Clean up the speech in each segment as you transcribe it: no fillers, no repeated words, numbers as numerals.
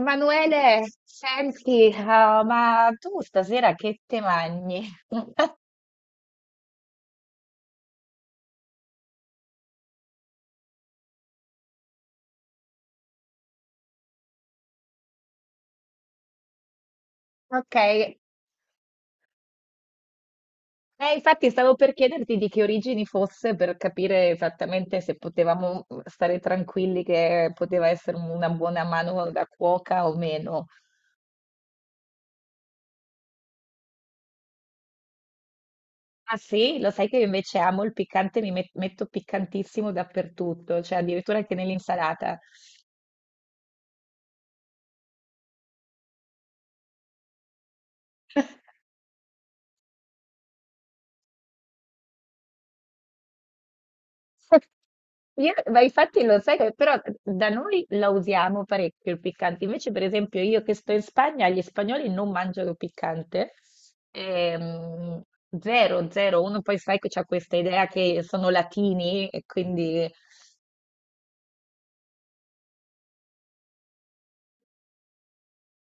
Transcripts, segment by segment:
Emanuele, senti, ma tu stasera che te mangi? Ok, infatti stavo per chiederti di che origini fosse per capire esattamente se potevamo stare tranquilli che poteva essere una buona mano da cuoca o meno. Ah sì, lo sai che io invece amo il piccante, metto piccantissimo dappertutto, cioè addirittura anche nell'insalata. Ma infatti lo sai che però da noi la usiamo parecchio il piccante, invece per esempio io che sto in Spagna, gli spagnoli non mangiano piccante, ehm, zero, zero, uno poi sai che c'ha questa idea che sono latini e quindi.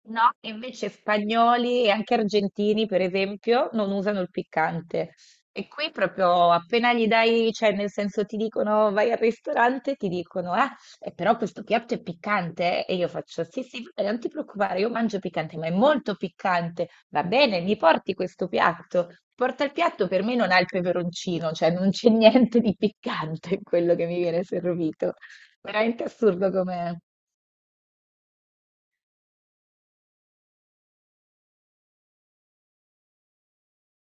No, e invece spagnoli e anche argentini, per esempio, non usano il piccante. E qui proprio appena gli dai, cioè nel senso ti dicono vai al ristorante, ti dicono, ah, però questo piatto è piccante, eh?" E io faccio, sì, sì, vabbè, non ti preoccupare, io mangio piccante, ma è molto piccante. Va bene, mi porti questo piatto. Porta il piatto, per me non ha il peperoncino, cioè non c'è niente di piccante in quello che mi viene servito. Veramente assurdo com'è.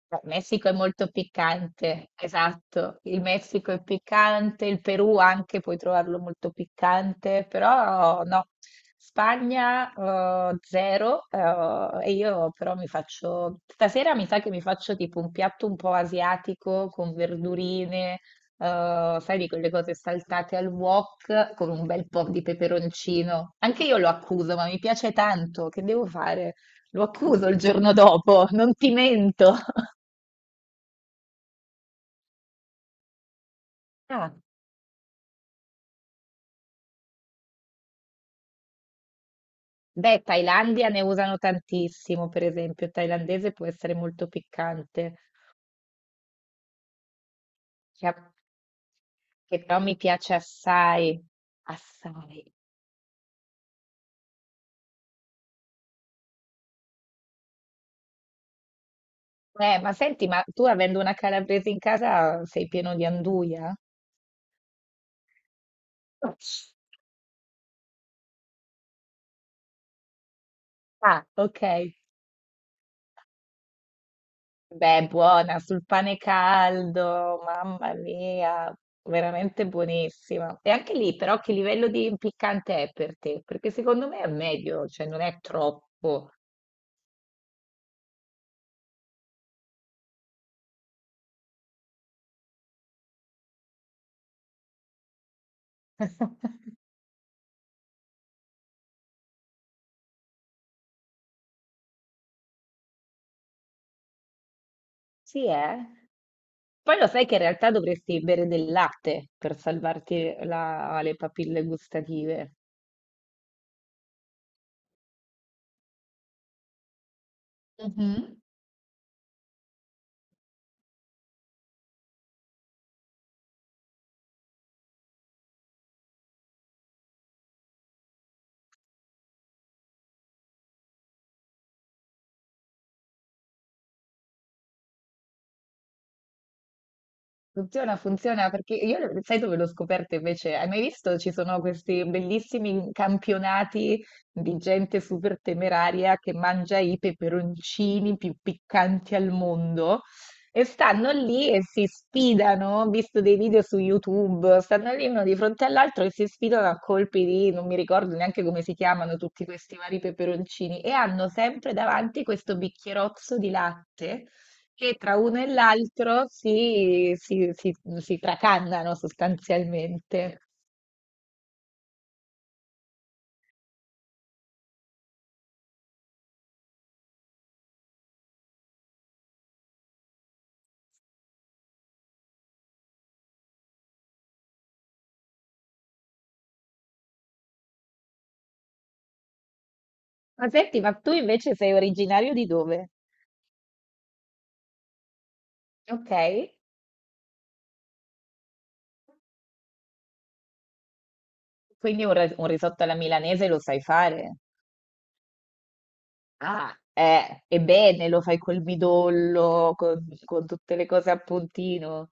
Beh, il Messico è molto piccante, esatto. Il Messico è piccante, il Perù anche puoi trovarlo molto piccante, però no. Spagna zero e io però mi faccio, stasera mi sa che mi faccio tipo un piatto un po' asiatico con verdurine, sai di quelle cose saltate al wok con un bel po' di peperoncino. Anche io lo accuso, ma mi piace tanto, che devo fare? Lo accuso il giorno dopo, non ti mento. Ah, beh, Thailandia ne usano tantissimo, per esempio, il thailandese può essere molto piccante, che, a- che però mi piace assai, assai. Ma senti, ma tu avendo una calabrese in casa sei pieno di anduja? Ah, ok. Beh, buona, sul pane caldo, mamma mia, veramente buonissima. E anche lì, però, che livello di piccante è per te? Perché secondo me è meglio, cioè non è troppo. Sì, eh. Poi lo sai che in realtà dovresti bere del latte per salvarti le papille gustative. Mhm. Funziona, funziona perché sai dove l'ho scoperto invece? Hai mai visto? Ci sono questi bellissimi campionati di gente super temeraria che mangia i peperoncini più piccanti al mondo e stanno lì e si sfidano. Ho visto dei video su YouTube, stanno lì uno di fronte all'altro e si sfidano a colpi di, non mi ricordo neanche come si chiamano tutti questi vari peperoncini e hanno sempre davanti questo bicchierozzo di latte che tra uno e l'altro si tracannano sostanzialmente. Ma senti, ma tu invece sei originario di dove? Ok, quindi un risotto alla milanese lo sai fare? Ah, ebbene, lo fai col midollo, con tutte le cose a puntino.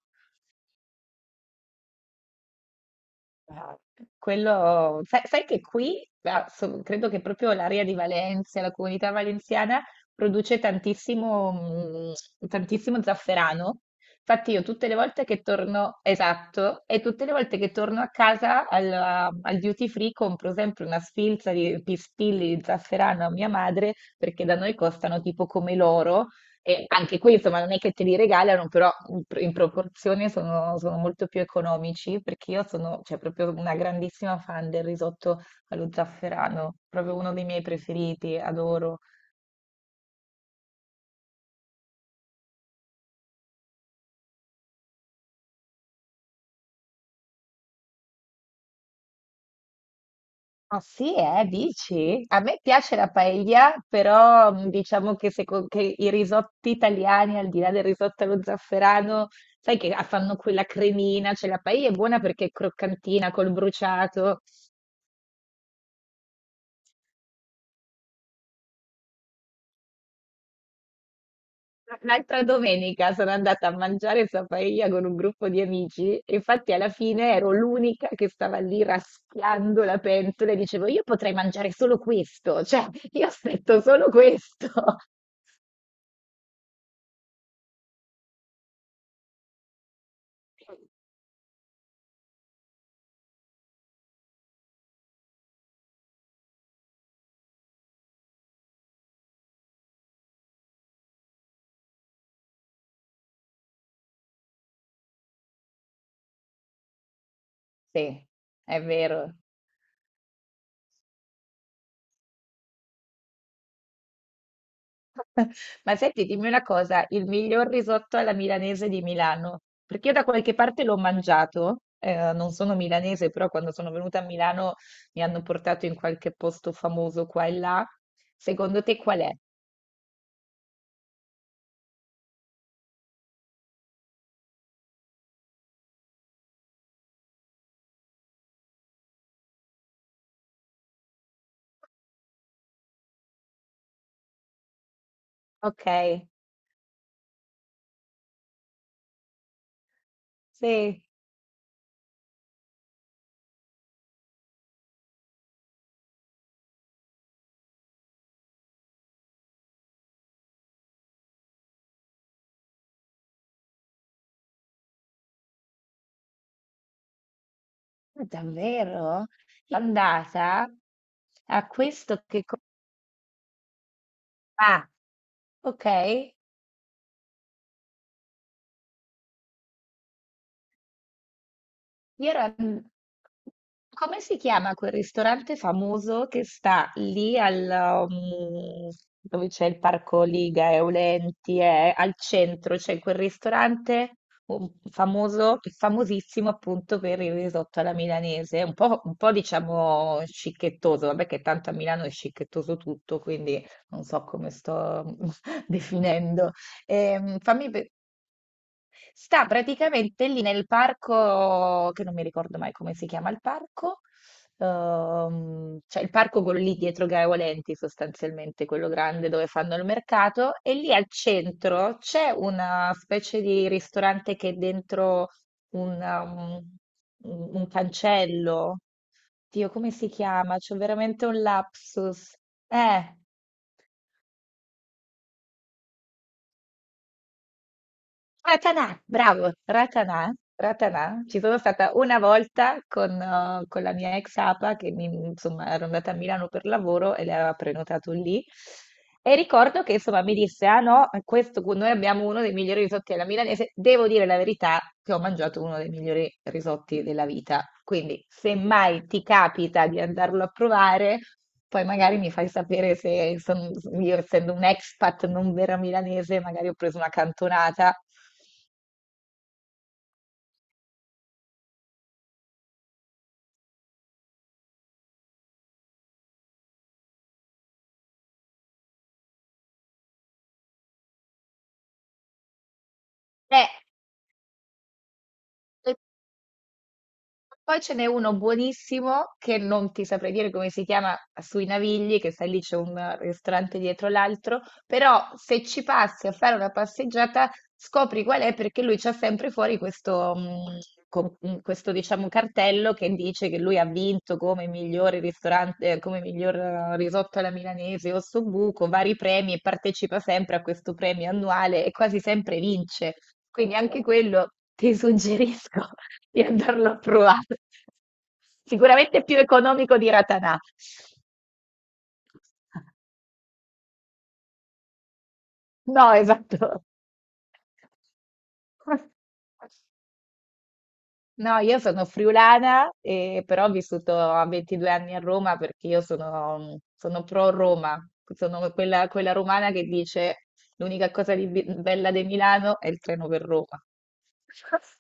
Ah, quello, sai, sai che qui, ah, credo che proprio l'area di Valencia, la comunità valenziana, produce tantissimo, tantissimo zafferano. Infatti io tutte le volte che torno, esatto, e tutte le volte che torno a casa al duty free compro sempre una sfilza di pistilli di zafferano a mia madre, perché da noi costano tipo come l'oro e anche qui, insomma, non è che te li regalano, però in proporzione sono, sono molto più economici, perché io sono, cioè, proprio una grandissima fan del risotto allo zafferano, proprio uno dei miei preferiti, adoro. Ah sì, dici? A me piace la paella, però diciamo che, che i risotti italiani, al di là del risotto allo zafferano, sai che fanno quella cremina, cioè la paella è buona perché è croccantina col bruciato. L'altra domenica sono andata a mangiare paella con un gruppo di amici e infatti alla fine ero l'unica che stava lì raschiando la pentola e dicevo io potrei mangiare solo questo, cioè io aspetto solo questo. Sì, è vero. Ma senti, dimmi una cosa, il miglior risotto alla milanese di Milano, perché io da qualche parte l'ho mangiato, non sono milanese, però quando sono venuta a Milano mi hanno portato in qualche posto famoso qua e là. Secondo te qual è? Ok, sì. Ma davvero? L'andata a questo che... co- Ah, ok. Io come si chiama quel ristorante famoso che sta lì al, dove c'è il parco Liga Eulenti, al centro, c'è quel ristorante famoso, famosissimo appunto per il risotto alla milanese, un po' diciamo scicchettoso, vabbè che tanto a Milano è scicchettoso tutto, quindi non so come sto definendo. Ehm, fammi, pe- Sta praticamente lì nel parco, che non mi ricordo mai come si chiama il parco, cioè il parco quello lì dietro Gaia Volenti sostanzialmente, quello grande dove fanno il mercato, e lì al centro c'è una specie di ristorante che è dentro un, um, un cancello. Dio, come si chiama? C'ho veramente un lapsus. Eh. Ratanà, bravo, Ratanà, Ratanà. Ci sono stata una volta con la mia ex APA insomma, ero andata a Milano per lavoro e le aveva prenotato lì. E ricordo che insomma mi disse: Ah no, questo, noi abbiamo uno dei migliori risotti alla milanese. Devo dire la verità che ho mangiato uno dei migliori risotti della vita. Quindi, se mai ti capita di andarlo a provare, poi magari mi fai sapere se son- io, essendo un expat non vera milanese, magari ho preso una cantonata. Eh, e poi ce n'è uno buonissimo che non ti saprei dire come si chiama sui Navigli, che sai lì c'è un ristorante dietro l'altro, però se ci passi a fare una passeggiata scopri qual è perché lui c'ha sempre fuori questo, questo diciamo cartello che dice che lui ha vinto come migliore ristorante, come miglior risotto alla milanese o buco vari premi e partecipa sempre a questo premio annuale e quasi sempre vince. Quindi anche quello ti suggerisco di andarlo a provare. Sicuramente è più economico di Ratanà. No, esatto. No, io sono friulana, però ho vissuto a 22 anni a Roma perché io sono, sono pro Roma, sono quella, quella romana che dice l'unica cosa di bella di Milano è il treno per Roma.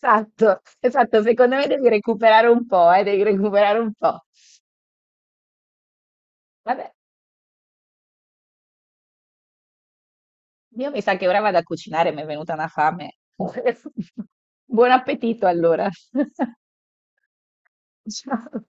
Esatto, esatto, secondo me devi recuperare un po', devi recuperare un po'. Vabbè, io mi sa che ora vado a cucinare, mi è venuta una fame. Buon appetito allora. Ciao.